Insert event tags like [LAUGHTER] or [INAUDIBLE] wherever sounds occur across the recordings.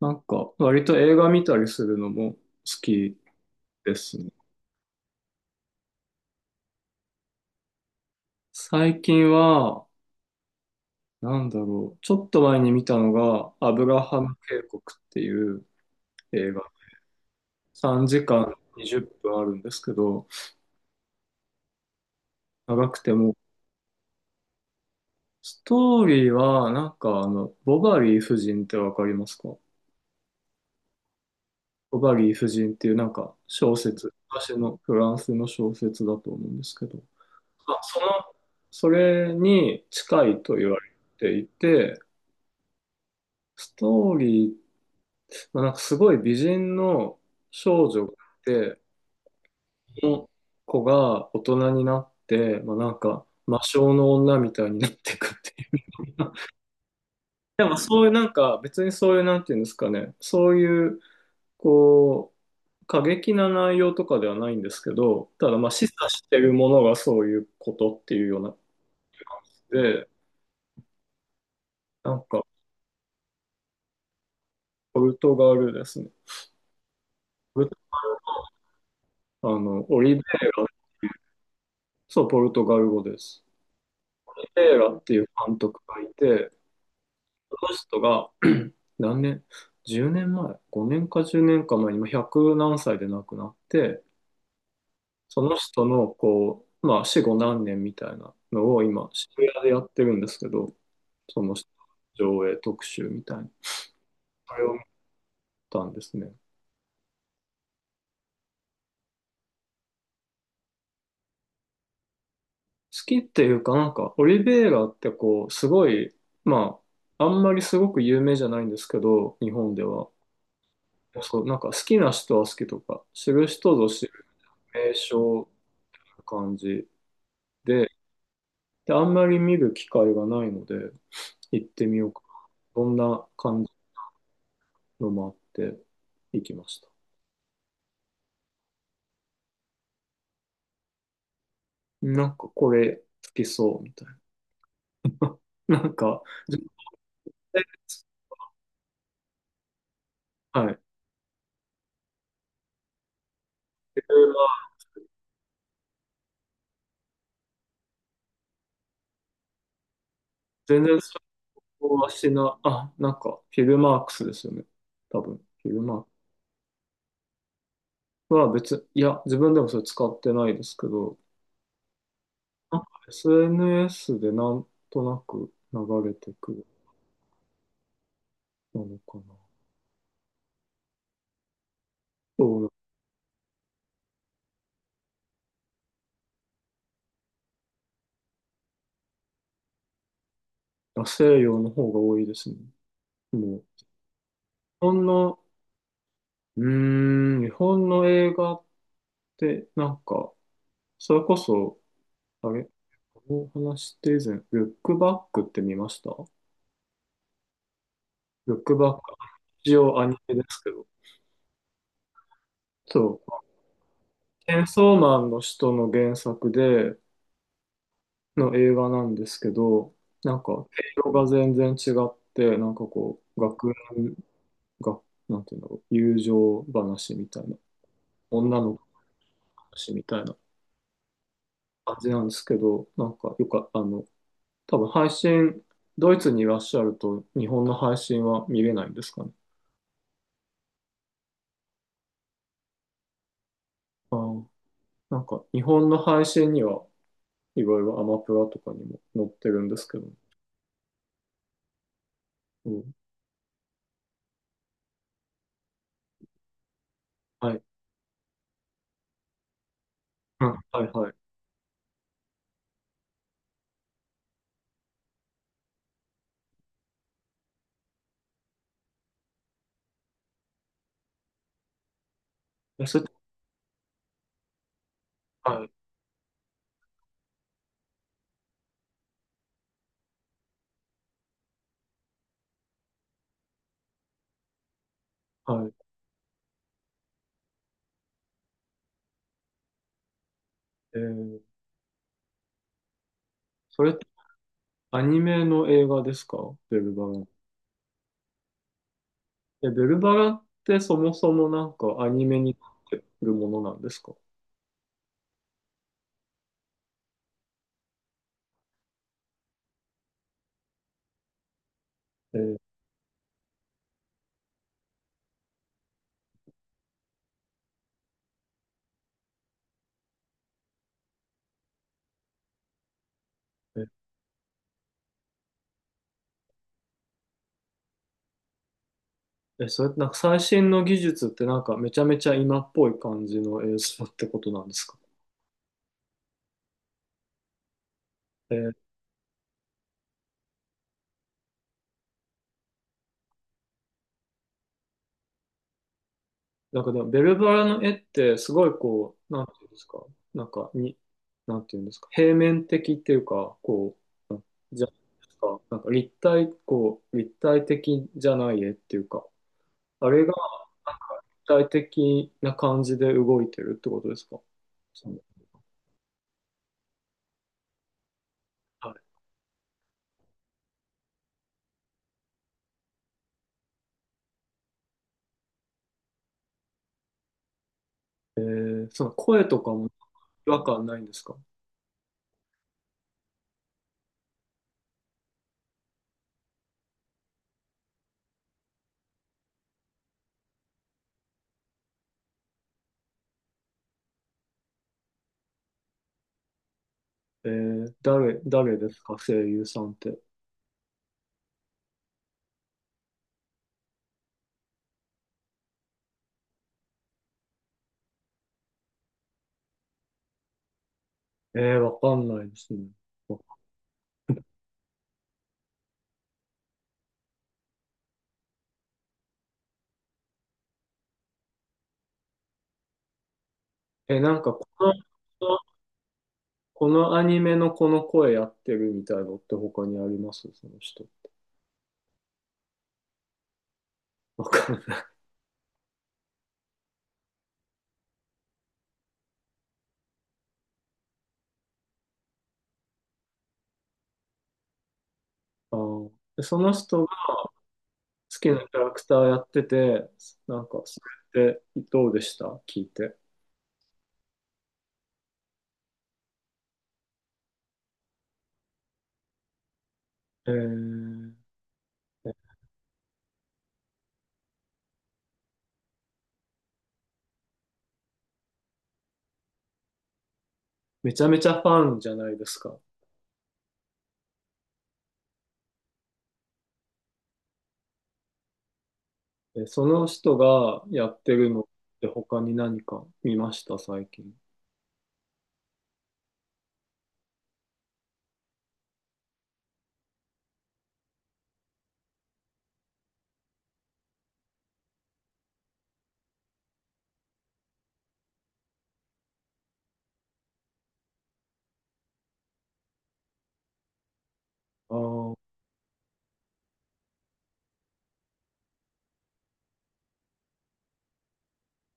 なんか、割と映画見たりするのも好きですね。最近は、なんだろう、ちょっと前に見たのが、アブラハム渓谷っていう映画。3時間20分あるんですけど、長くても、ストーリーは、なんか、ボバリー夫人ってわかりますか？ボバリー夫人っていうなんか小説、昔のフランスの小説だと思うんですけど、まあ、それに近いと言われていて、ストーリー、まあ、なんかすごい美人の少女がいて、その子が大人になって、まあ、なんか魔性の女みたいになっていくっていう。[LAUGHS] でもそういうなんか別にそういうなんていうんですかね、そういうこう過激な内容とかではないんですけど、ただまあ示唆してるものがそういうことっていうような。で、なんかポルトガルですね。ポルあの、オリベイラ、そう、ポルトガル語です。テーラっていう監督がいて、その人が [CLEARS THROAT] 何年、 10 年前、 5 年か10年か前に、今100何歳で亡くなって、その人のこう、まあ死後何年みたいなのを今渋谷でやってるんですけど、その人の上映特集みたいな。それを見たんですね。好きっていうかなんか、オリベイラってこう、すごい、まあ、あんまりすごく有名じゃないんですけど、日本では。そう、なんか好きな人は好きとか、知る人ぞ知名所な感じで、で、あんまり見る機会がないので、行ってみようか。どんな感じのもあって行きました。なんかこれ好きそうみたいな。なんか、全然、はい。フィルマ全然想像はしな、あ、なんかフィルマークスですよね。多分。フィルマークスは別、いや、自分でもそれ使ってないですけど、なんか SNS でなんとなく流れてくるものかな。そう、あ、西洋の方が多いですね。もう、日本の、日本の映画って、なんか、それこそ、あれ、この話って以前、ルックバックって見ました？ルックバック、一応アニメですけど、そう、チェンソーマンの人の原作で、の映画なんですけど、なんか、内容が全然違って、なんかこう、学園が、なんていうんだろう、友情話みたいな、女の子の話みたいな。感じなんですけど、なんかよか、多分配信、ドイツにいらっしゃると日本の配信は見れないんですかね。あー、なんか日本の配信にはいろいろアマプラとかにも載ってるんですけど、うん、はい、うん、はいはい。え、それ、はい、はい。えー、それってアニメの映画ですか？ベルバラ。え、ベルバラってそもそもなんかアニメになってるものなんですか？えー、え、それってなんか最新の技術ってなんかめちゃめちゃ今っぽい感じの映像ってことなんですか？えー、なんかでもベルバラの絵ってすごいこう、なんていうんですか、なんかに、なんていうんですか、平面的っていうか、こう、じゃないですか、なんか立体、こう、立体的じゃない絵っていうか、あれが立体的な感じで動いてるってことですか？その、はい。えー、その声とかも違和感ないんですか？えー、誰、誰ですか声優さんって。えー、わかんないですね。え、なんかこの、このこのアニメのこの声やってるみたいなのって他にありますその人。わかんない。あー、でその人が好きなキャラクターやってて、なんか、それってどうでした聞いて。えー、めちゃめちゃファンじゃないですか。え、その人がやってるのって他に何か見ました最近？あー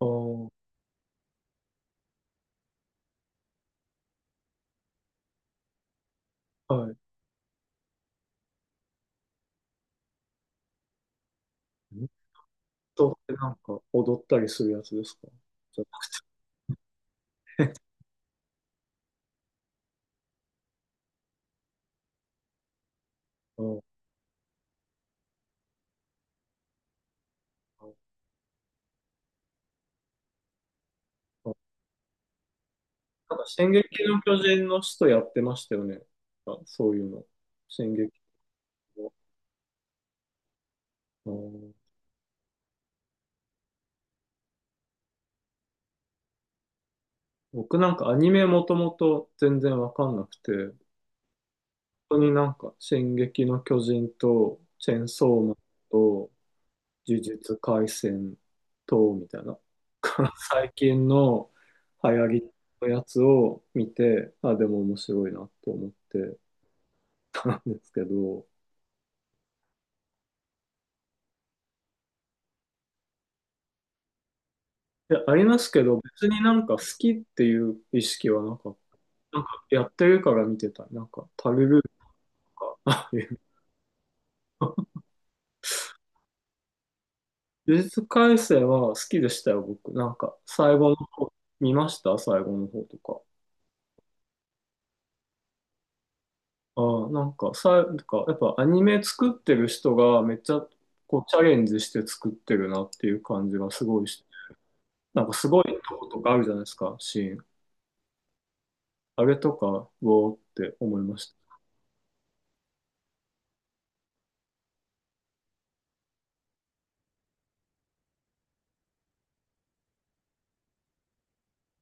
あー、はい。なんか踊ったりするやつですか？ [LAUGHS] うん、なんか、進撃の巨人の使徒やってましたよね。あ、そういうの。進撃の。うん、僕なんかアニメもともと全然わかんなくて、本当になんか、進撃の巨人と、チェンソーマンと、呪術廻戦と、みたいな、[LAUGHS] 最近の流行りのやつを見て、あ、でも面白いなと思ってたんですけど、いや、ありますけど、別になんか好きっていう意識はなかった。なんかやってるから見てた。なんか、パルルーとか、[LAUGHS] ああいうの。呪術廻戦は好きでしたよ、僕。なんか、最後の方、見ました最後の方とか？ああ、なんか、さ、なんか、やっぱアニメ作ってる人がめっちゃ、こう、チャレンジして作ってるなっていう感じがすごいして。なんか、すごいとことかあるじゃないですか、シーン。あれとか、うおーって思いました。